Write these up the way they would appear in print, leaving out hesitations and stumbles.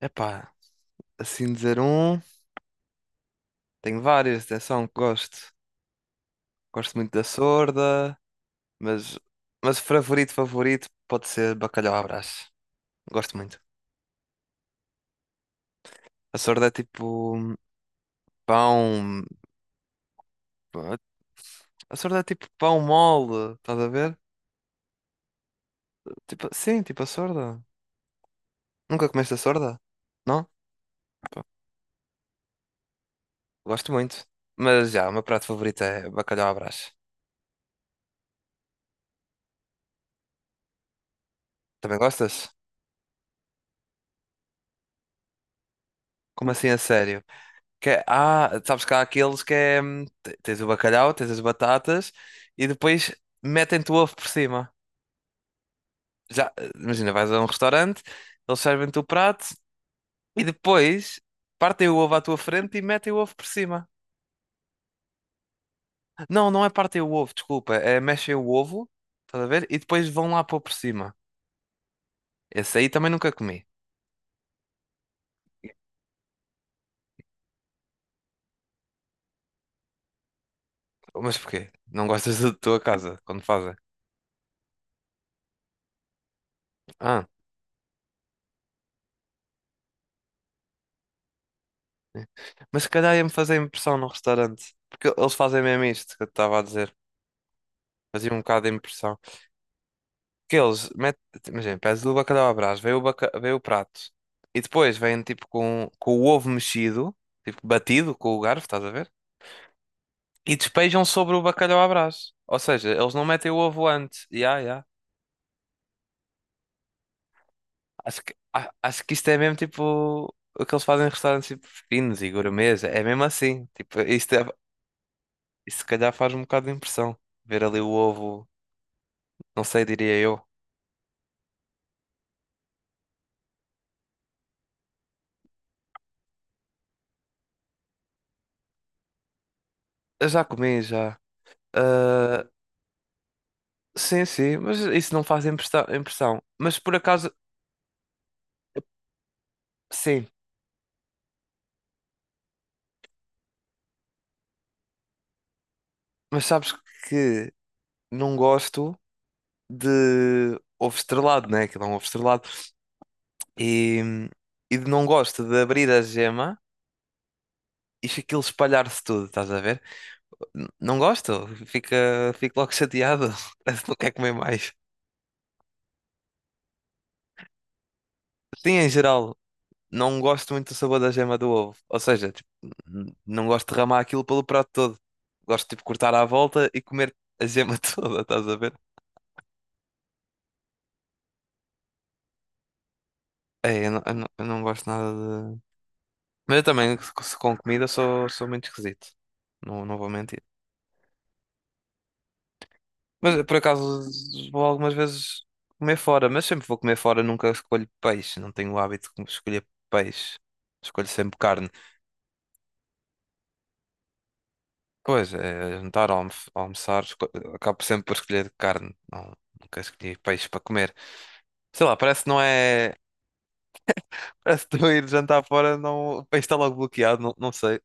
Epá, assim dizer um, tenho várias, atenção, que gosto. Gosto muito da Sorda, mas, mas o favorito, favorito pode ser bacalhau à Brás. Gosto muito. A Sorda é tipo pão. A Sorda é tipo pão mole, estás a ver? Tipo, sim, tipo a Sorda. Nunca comeste a Sorda? Não? Gosto muito. Mas já, o meu prato favorito é bacalhau à Brás. Também gostas? Como assim a sério? Sabes que há aqueles que é. Tens o bacalhau, tens as batatas e depois metem-te o ovo por cima. Já, imagina, vais a um restaurante, eles servem-te o prato e depois partem o ovo à tua frente e metem o ovo por cima. Não, não é partem o ovo, desculpa, é mexem o ovo, estás a ver? E depois vão lá pôr por cima. Esse aí também nunca comi. Mas porquê? Não gostas da tua casa quando fazem? Ah, é. Mas se calhar ia-me fazer impressão no restaurante. Porque eles fazem mesmo isto que eu te estava a dizer. Fazia um bocado de impressão. Porque eles metem, imagina, pedes o bacalhau à Brás, vem o, baca, vem o prato. E depois vêm tipo com o ovo mexido, tipo batido com o garfo, estás a ver? E despejam sobre o bacalhau à Brás. Ou seja, eles não metem o ovo antes. Ya, ya. Acho que isto é mesmo tipo o que eles fazem em restaurantes tipo, finos e gourmets. É mesmo assim. Tipo, isto, é, isto se calhar faz um bocado de impressão. Ver ali o ovo, não sei, diria eu. Eu já comi, já. Ah, sim, sim, mas isso não faz impressão. Mas por acaso, sim. Mas sabes que não gosto de ovo estrelado, né? Aquilo é um ovo estrelado. E, e não gosto de abrir a gema e aquilo espalhar-se tudo, estás a ver? Não gosto, fica, fico logo chateado. Parece que não quer comer mais. Sim, em geral, não gosto muito do sabor da gema do ovo. Ou seja, tipo, não gosto de derramar aquilo pelo prato todo. Gosto, tipo, cortar à volta e comer a gema toda, estás a ver? É, eu não gosto nada de. Mas eu também, com comida, sou muito esquisito. Não, não vou mentir. Mas por acaso vou algumas vezes comer fora, mas sempre vou comer fora, nunca escolho peixe. Não tenho o hábito de escolher peixe. Escolho sempre carne. Pois, é, jantar, almoçar, acabo sempre por escolher carne. Não, nunca escolhi peixe para comer. Sei lá, parece que não é. Parece que estou ir jantar fora, não... o peixe está logo bloqueado, não, não sei.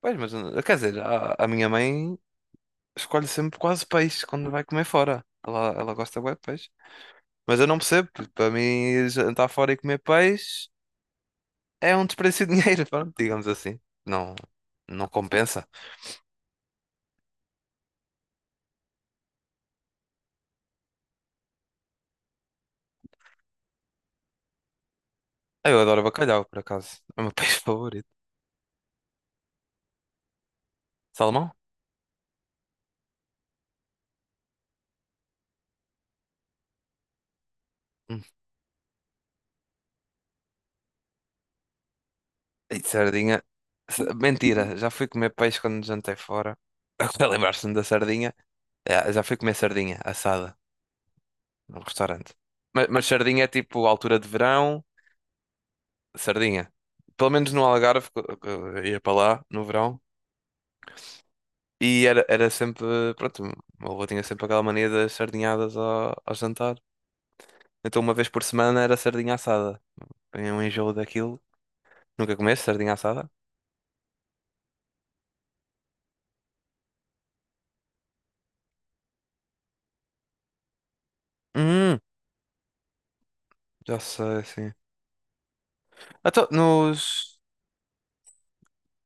Pois, mas quer dizer, a minha mãe. Escolhe sempre quase peixe quando vai comer fora. Ela gosta bué de peixe. Mas eu não percebo, porque para mim jantar fora e comer peixe é um desperdício de dinheiro, pronto, digamos assim. Não, não compensa. Ah, eu adoro bacalhau, por acaso. É o meu peixe favorito. Salmão? Hum. E sardinha? Mentira, já fui comer peixe quando jantei fora. Agora lembrar-se-me da sardinha. É, já fui comer sardinha assada no restaurante. Mas sardinha é tipo altura de verão. Sardinha. Pelo menos no Algarve, que eu ia para lá no verão. E era sempre, pronto, o meu avô tinha sempre aquela mania das sardinhadas ao jantar. Então uma vez por semana era sardinha assada. Tinha um enjoo daquilo. Nunca comeste sardinha assada? Hum, já sei, sim. Então, nos...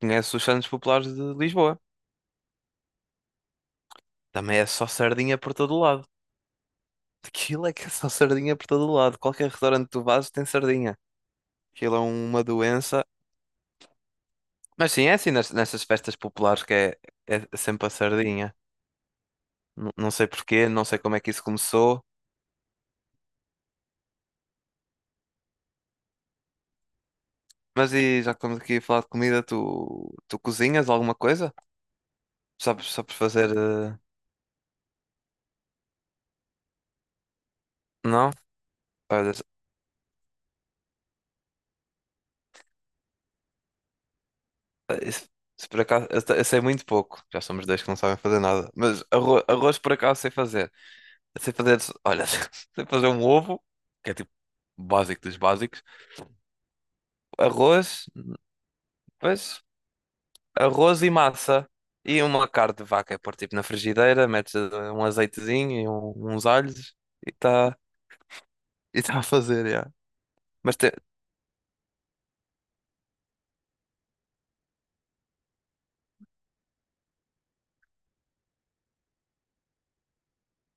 Conheces os Santos Populares de Lisboa? Também é só sardinha por todo o lado. Aquilo é que é só sardinha por todo o lado. Qualquer restaurante que tu vás tem sardinha. Aquilo é uma doença. Mas sim, é assim nessas festas populares que é, é sempre a sardinha. Não sei porquê, não sei como é que isso começou. Mas e já que estamos aqui a falar de comida, tu cozinhas alguma coisa? Sabes fazer. Não? Olha, se, eh, se- se por acaso. Eu sei muito pouco. Já somos dois que não sabem fazer nada. Mas arroz por acaso sei fazer. Eu sei fazer. Olha, sei fazer um ovo, que é tipo básico dos básicos. Arroz, pois. Arroz e massa e uma carne de vaca. É pôr tipo na frigideira, metes um azeitezinho e uns alhos e está e tá a fazer, já. Mas te...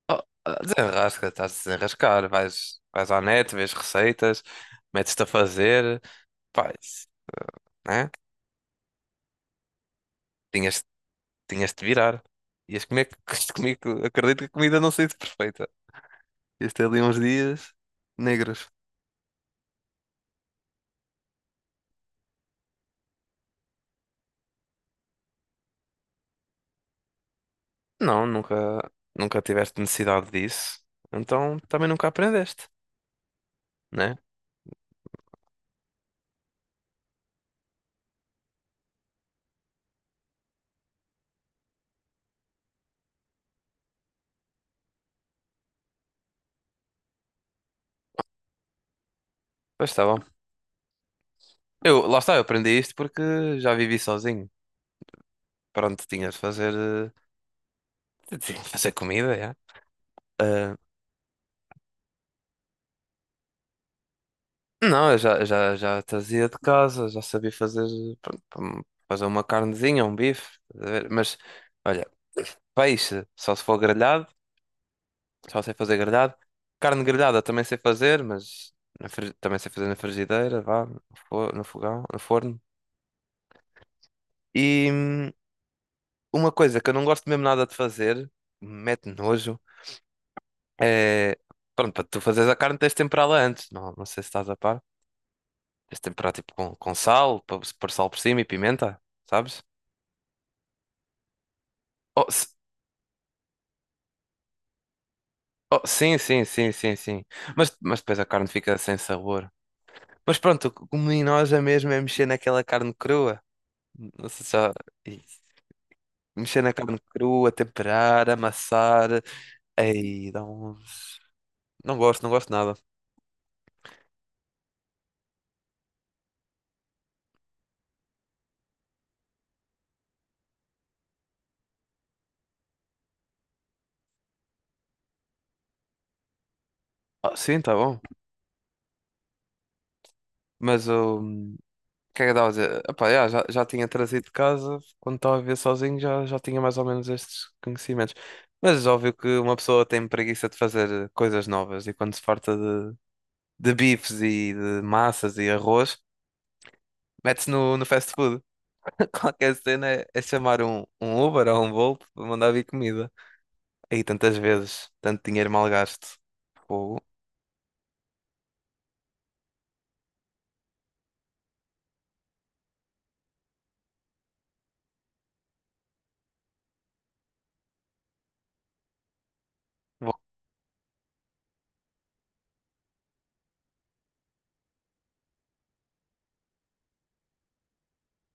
oh, ah, desenrasca, estás a desenrascar. Vais à net, vês receitas, metes-te a fazer, faz, né? Tinhas, Tinhas de virar. Ias comer, comigo, acredito que a comida não seja perfeita. Ias ter ali uns dias negros. Não, nunca, Nunca tiveste necessidade disso. Então também nunca aprendeste, né? Pois tá. Eu, lá está, eu aprendi isto porque já vivi sozinho. Pronto, tinha de fazer comida, já. Ah, não, já trazia de casa, já sabia fazer, pronto, fazer uma carnezinha, um bife, estás a ver? Mas olha, peixe, só se for grelhado, só sei fazer grelhado. Carne grelhada também sei fazer, mas também sei fazer na frigideira, vá, no no fogão, no forno. E uma coisa que eu não gosto mesmo nada de fazer, mete nojo. É, pronto, para tu fazeres a carne tens de temperá-la antes, não, não sei se estás a par. Tens de temperar tipo com sal, para pôr sal por cima e pimenta, sabes? Oh, se- oh, sim, sim, sim, sim, sim. Mas depois a carne fica sem sabor. Mas pronto, o que me enoja mesmo é mexer naquela carne crua. Não sei se já... Ih, mexer na carne crua, temperar, amassar. Ei, dá um... Não gosto, não gosto nada. Ah, sim, tá bom. Mas o O que é que eu estava a dizer? Epá, yeah, já tinha trazido de casa, quando estava a viver sozinho já tinha mais ou menos estes conhecimentos. Mas é óbvio que uma pessoa tem preguiça de fazer coisas novas e quando se farta de bifes e de massas e arroz, mete-se no fast food. Qualquer cena é, é chamar um Uber ou um Bolt para mandar vir comida. Aí tantas vezes, tanto dinheiro mal gasto. Fogo. Vou-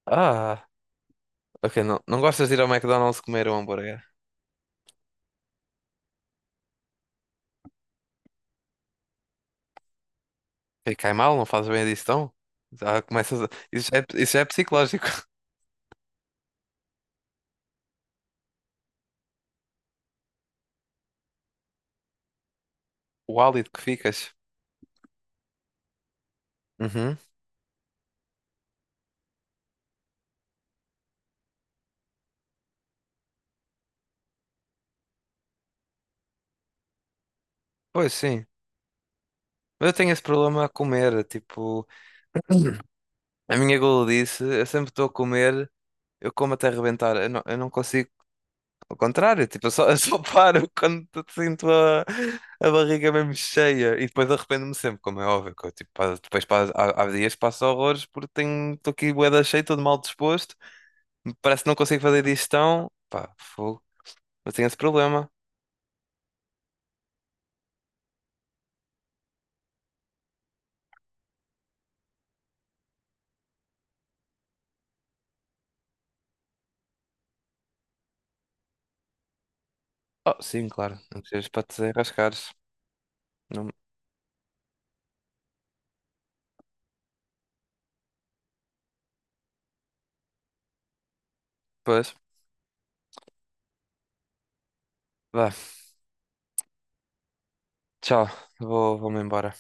ah, ok, não, não gostas de ir ao McDonald's comer um hambúrguer? Ele cai mal, não faz bem a digestão? Já começas a... isso já é psicológico. O hálito que ficas. Uhum. Pois sim. Mas eu tenho esse problema a comer. Tipo, a minha gula eu sempre estou a comer, eu como até arrebentar. Eu não consigo. Ao contrário, tipo, eu só paro quando sinto a barriga mesmo cheia. E depois arrependo-me sempre, como é óbvio. Que eu, tipo, há dias que passo horrores porque tenho, estou aqui bué da cheio, todo mal disposto. Parece que não consigo fazer digestão. Pá, fogo. Mas tem esse problema. Oh, sim, claro. Não precisas para te desenrascares. Não... Pois. Vá, tchau. Vou-me embora.